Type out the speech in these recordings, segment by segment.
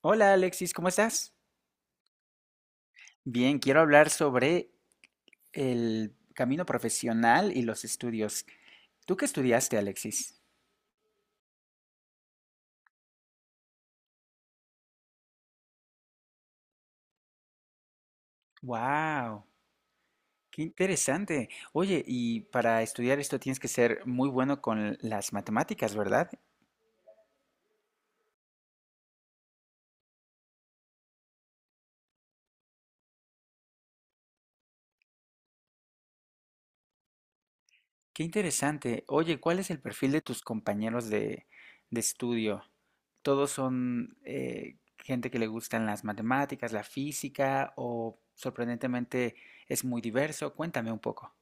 Hola Alexis, ¿cómo estás? Bien, quiero hablar sobre el camino profesional y los estudios. ¿Tú qué estudiaste, Alexis? Wow, qué interesante. Oye, y para estudiar esto tienes que ser muy bueno con las matemáticas, ¿verdad? Qué interesante. Oye, ¿cuál es el perfil de tus compañeros de estudio? ¿Todos son gente que le gustan las matemáticas, la física o sorprendentemente es muy diverso? Cuéntame un poco.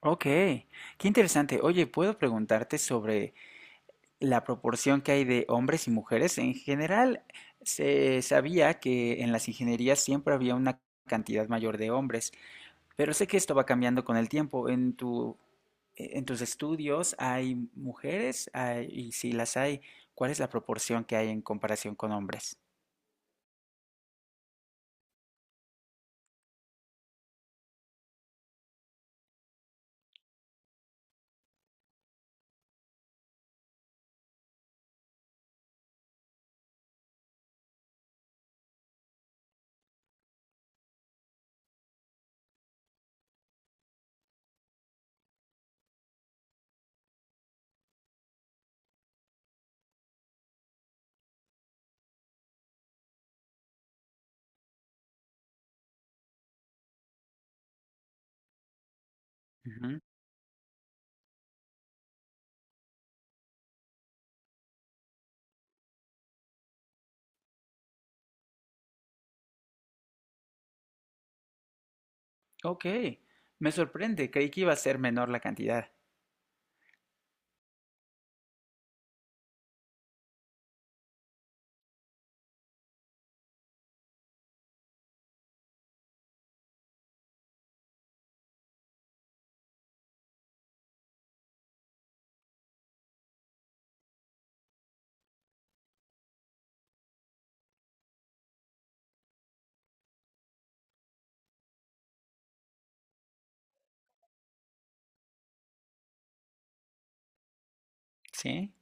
Ok, qué interesante. Oye, ¿puedo preguntarte sobre la proporción que hay de hombres y mujeres? En general, se sabía que en las ingenierías siempre había una cantidad mayor de hombres, pero sé que esto va cambiando con el tiempo. En tus estudios, ¿hay mujeres? Y si las hay, ¿cuál es la proporción que hay en comparación con hombres? Ujú. Ok, me sorprende. Creí que iba a ser menor la cantidad. ¿Sí?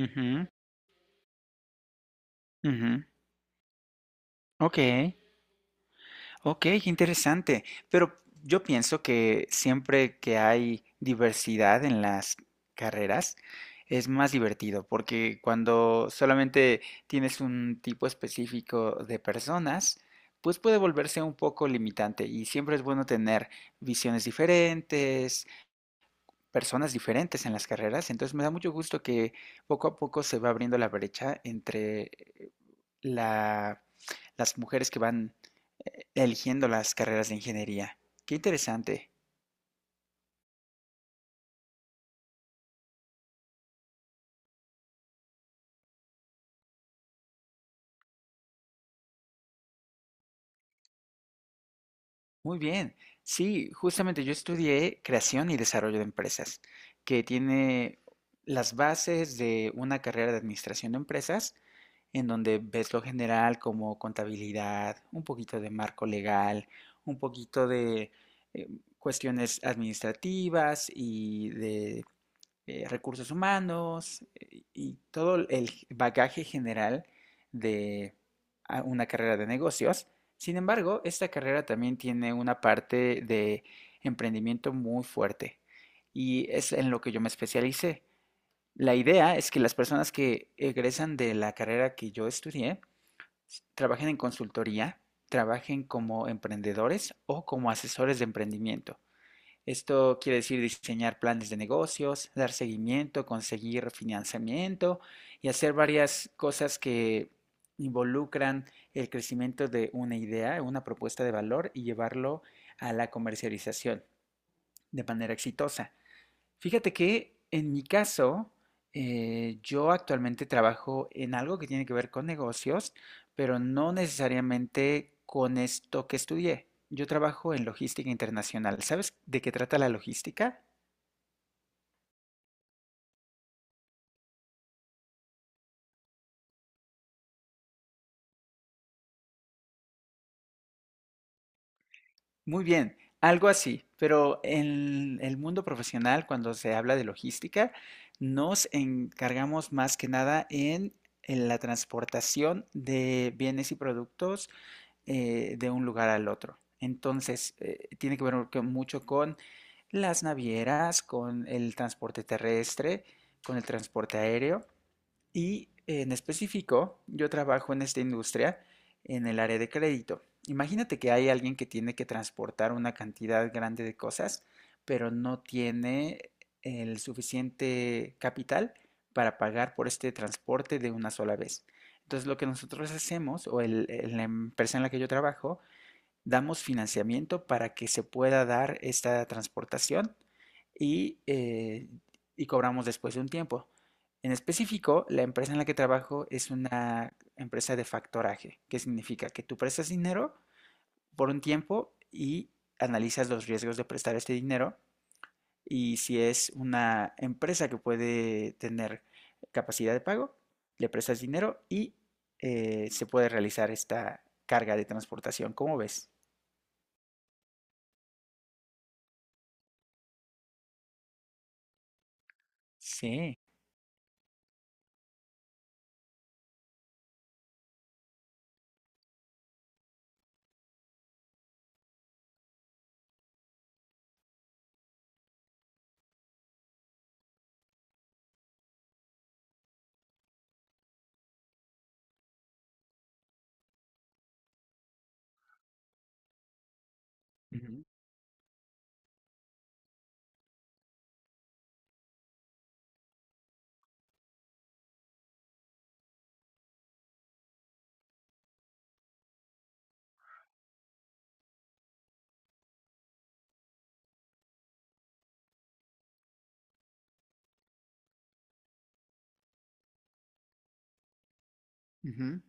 Ujú, ujú. Ok. Ok, interesante. Pero yo pienso que siempre que hay diversidad en las carreras es más divertido, porque cuando solamente tienes un tipo específico de personas, pues puede volverse un poco limitante y siempre es bueno tener visiones diferentes, personas diferentes en las carreras. Entonces me da mucho gusto que poco a poco se va abriendo la brecha entre la, las mujeres que van eligiendo las carreras de ingeniería. Qué interesante. Muy bien. Sí, justamente yo estudié creación y desarrollo de empresas, que tiene las bases de una carrera de administración de empresas, en donde ves lo general como contabilidad, un poquito de marco legal, un poquito de eh, cuestiones administrativas y de recursos humanos y todo el bagaje general de una carrera de negocios. Sin embargo, esta carrera también tiene una parte de emprendimiento muy fuerte y es en lo que yo me especialicé. La idea es que las personas que egresan de la carrera que yo estudié trabajen en consultoría, trabajen como emprendedores o como asesores de emprendimiento. Esto quiere decir diseñar planes de negocios, dar seguimiento, conseguir financiamiento y hacer varias cosas que involucran el crecimiento de una idea, una propuesta de valor y llevarlo a la comercialización de manera exitosa. Fíjate que en mi caso, yo actualmente trabajo en algo que tiene que ver con negocios, pero no necesariamente con esto que estudié. Yo trabajo en logística internacional. ¿Sabes de qué trata la logística? Muy bien, algo así, pero en el mundo profesional, cuando se habla de logística, nos encargamos más que nada en la transportación de bienes y productos de un lugar al otro. Entonces, tiene que ver mucho con las navieras, con el transporte terrestre, con el transporte aéreo y en específico, yo trabajo en esta industria en el área de crédito. Imagínate que hay alguien que tiene que transportar una cantidad grande de cosas, pero no tiene el suficiente capital para pagar por este transporte de una sola vez. Entonces, lo que nosotros hacemos, o la empresa en la que yo trabajo, damos financiamiento para que se pueda dar esta transportación y, eh, y cobramos después de un tiempo. En específico, la empresa en la que trabajo es una empresa de factoraje, que significa que tú prestas dinero por un tiempo y analizas los riesgos de prestar este dinero y si es una empresa que puede tener capacidad de pago, le prestas dinero y se puede realizar esta carga de transportación. ¿Cómo ves? Sí. Ujú, ujú,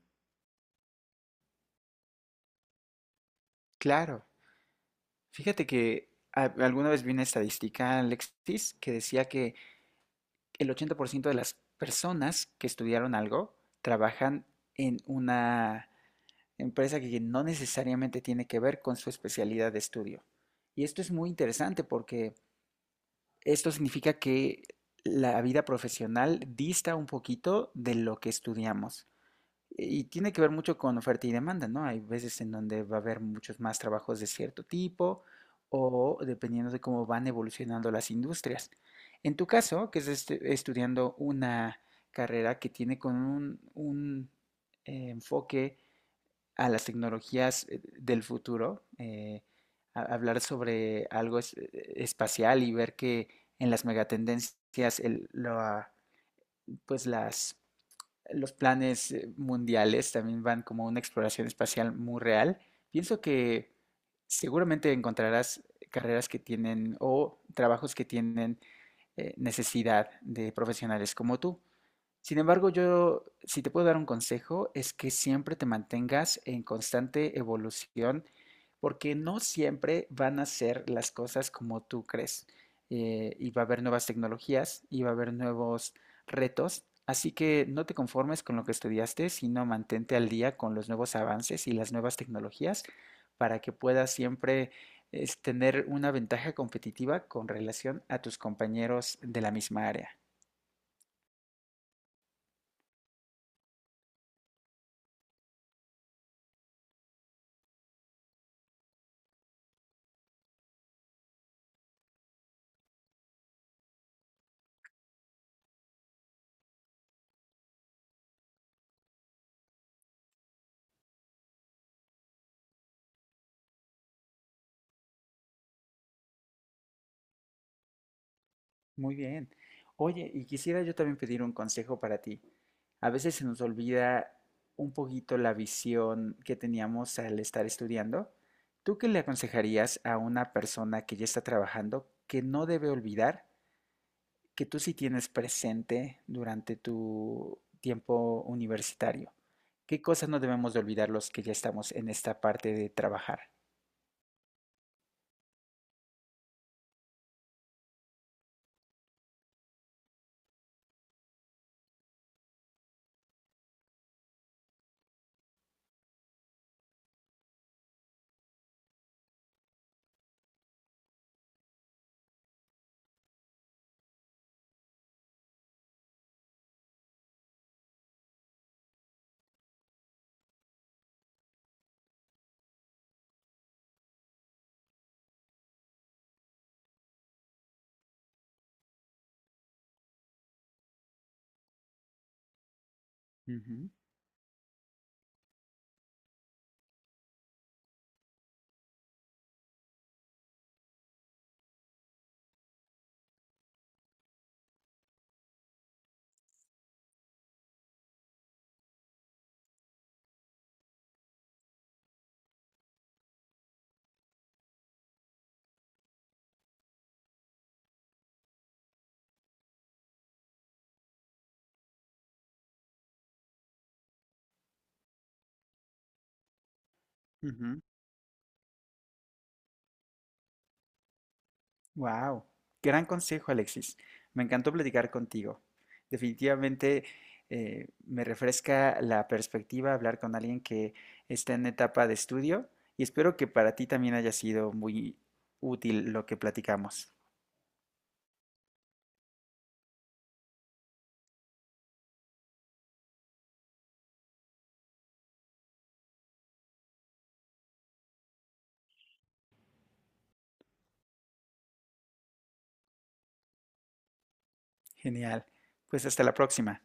claro. Fíjate que alguna vez vi una estadística, Alexis, que decía que el 80% de las personas que estudiaron algo trabajan en una empresa que no necesariamente tiene que ver con su especialidad de estudio. Y esto es muy interesante porque esto significa que la vida profesional dista un poquito de lo que estudiamos. Y tiene que ver mucho con oferta y demanda, ¿no? Hay veces en donde va a haber muchos más trabajos de cierto tipo o dependiendo de cómo van evolucionando las industrias. En tu caso, que estás estudiando una carrera que tiene con un, enfoque a las tecnologías del futuro, hablar sobre algo espacial y ver que en las megatendencias pues las los planes mundiales también van como una exploración espacial muy real. Pienso que seguramente encontrarás carreras que tienen o trabajos que tienen necesidad de profesionales como tú. Sin embargo, yo, si te puedo dar un consejo, es que siempre te mantengas en constante evolución, porque no siempre van a ser las cosas como tú crees. Y va a haber nuevas tecnologías y va a haber nuevos retos. Así que no te conformes con lo que estudiaste, sino mantente al día con los nuevos avances y las nuevas tecnologías para que puedas siempre tener una ventaja competitiva con relación a tus compañeros de la misma área. Muy bien. Oye, y quisiera yo también pedir un consejo para ti. A veces se nos olvida un poquito la visión que teníamos al estar estudiando. ¿Tú qué le aconsejarías a una persona que ya está trabajando que no debe olvidar que tú sí tienes presente durante tu tiempo universitario? ¿Qué cosas no debemos de olvidar los que ya estamos en esta parte de trabajar? Ujú, ujú. Wow, gran consejo, Alexis. Me encantó platicar contigo. Definitivamente me refresca la perspectiva hablar con alguien que está en etapa de estudio y espero que para ti también haya sido muy útil lo que platicamos. Genial. Pues hasta la próxima.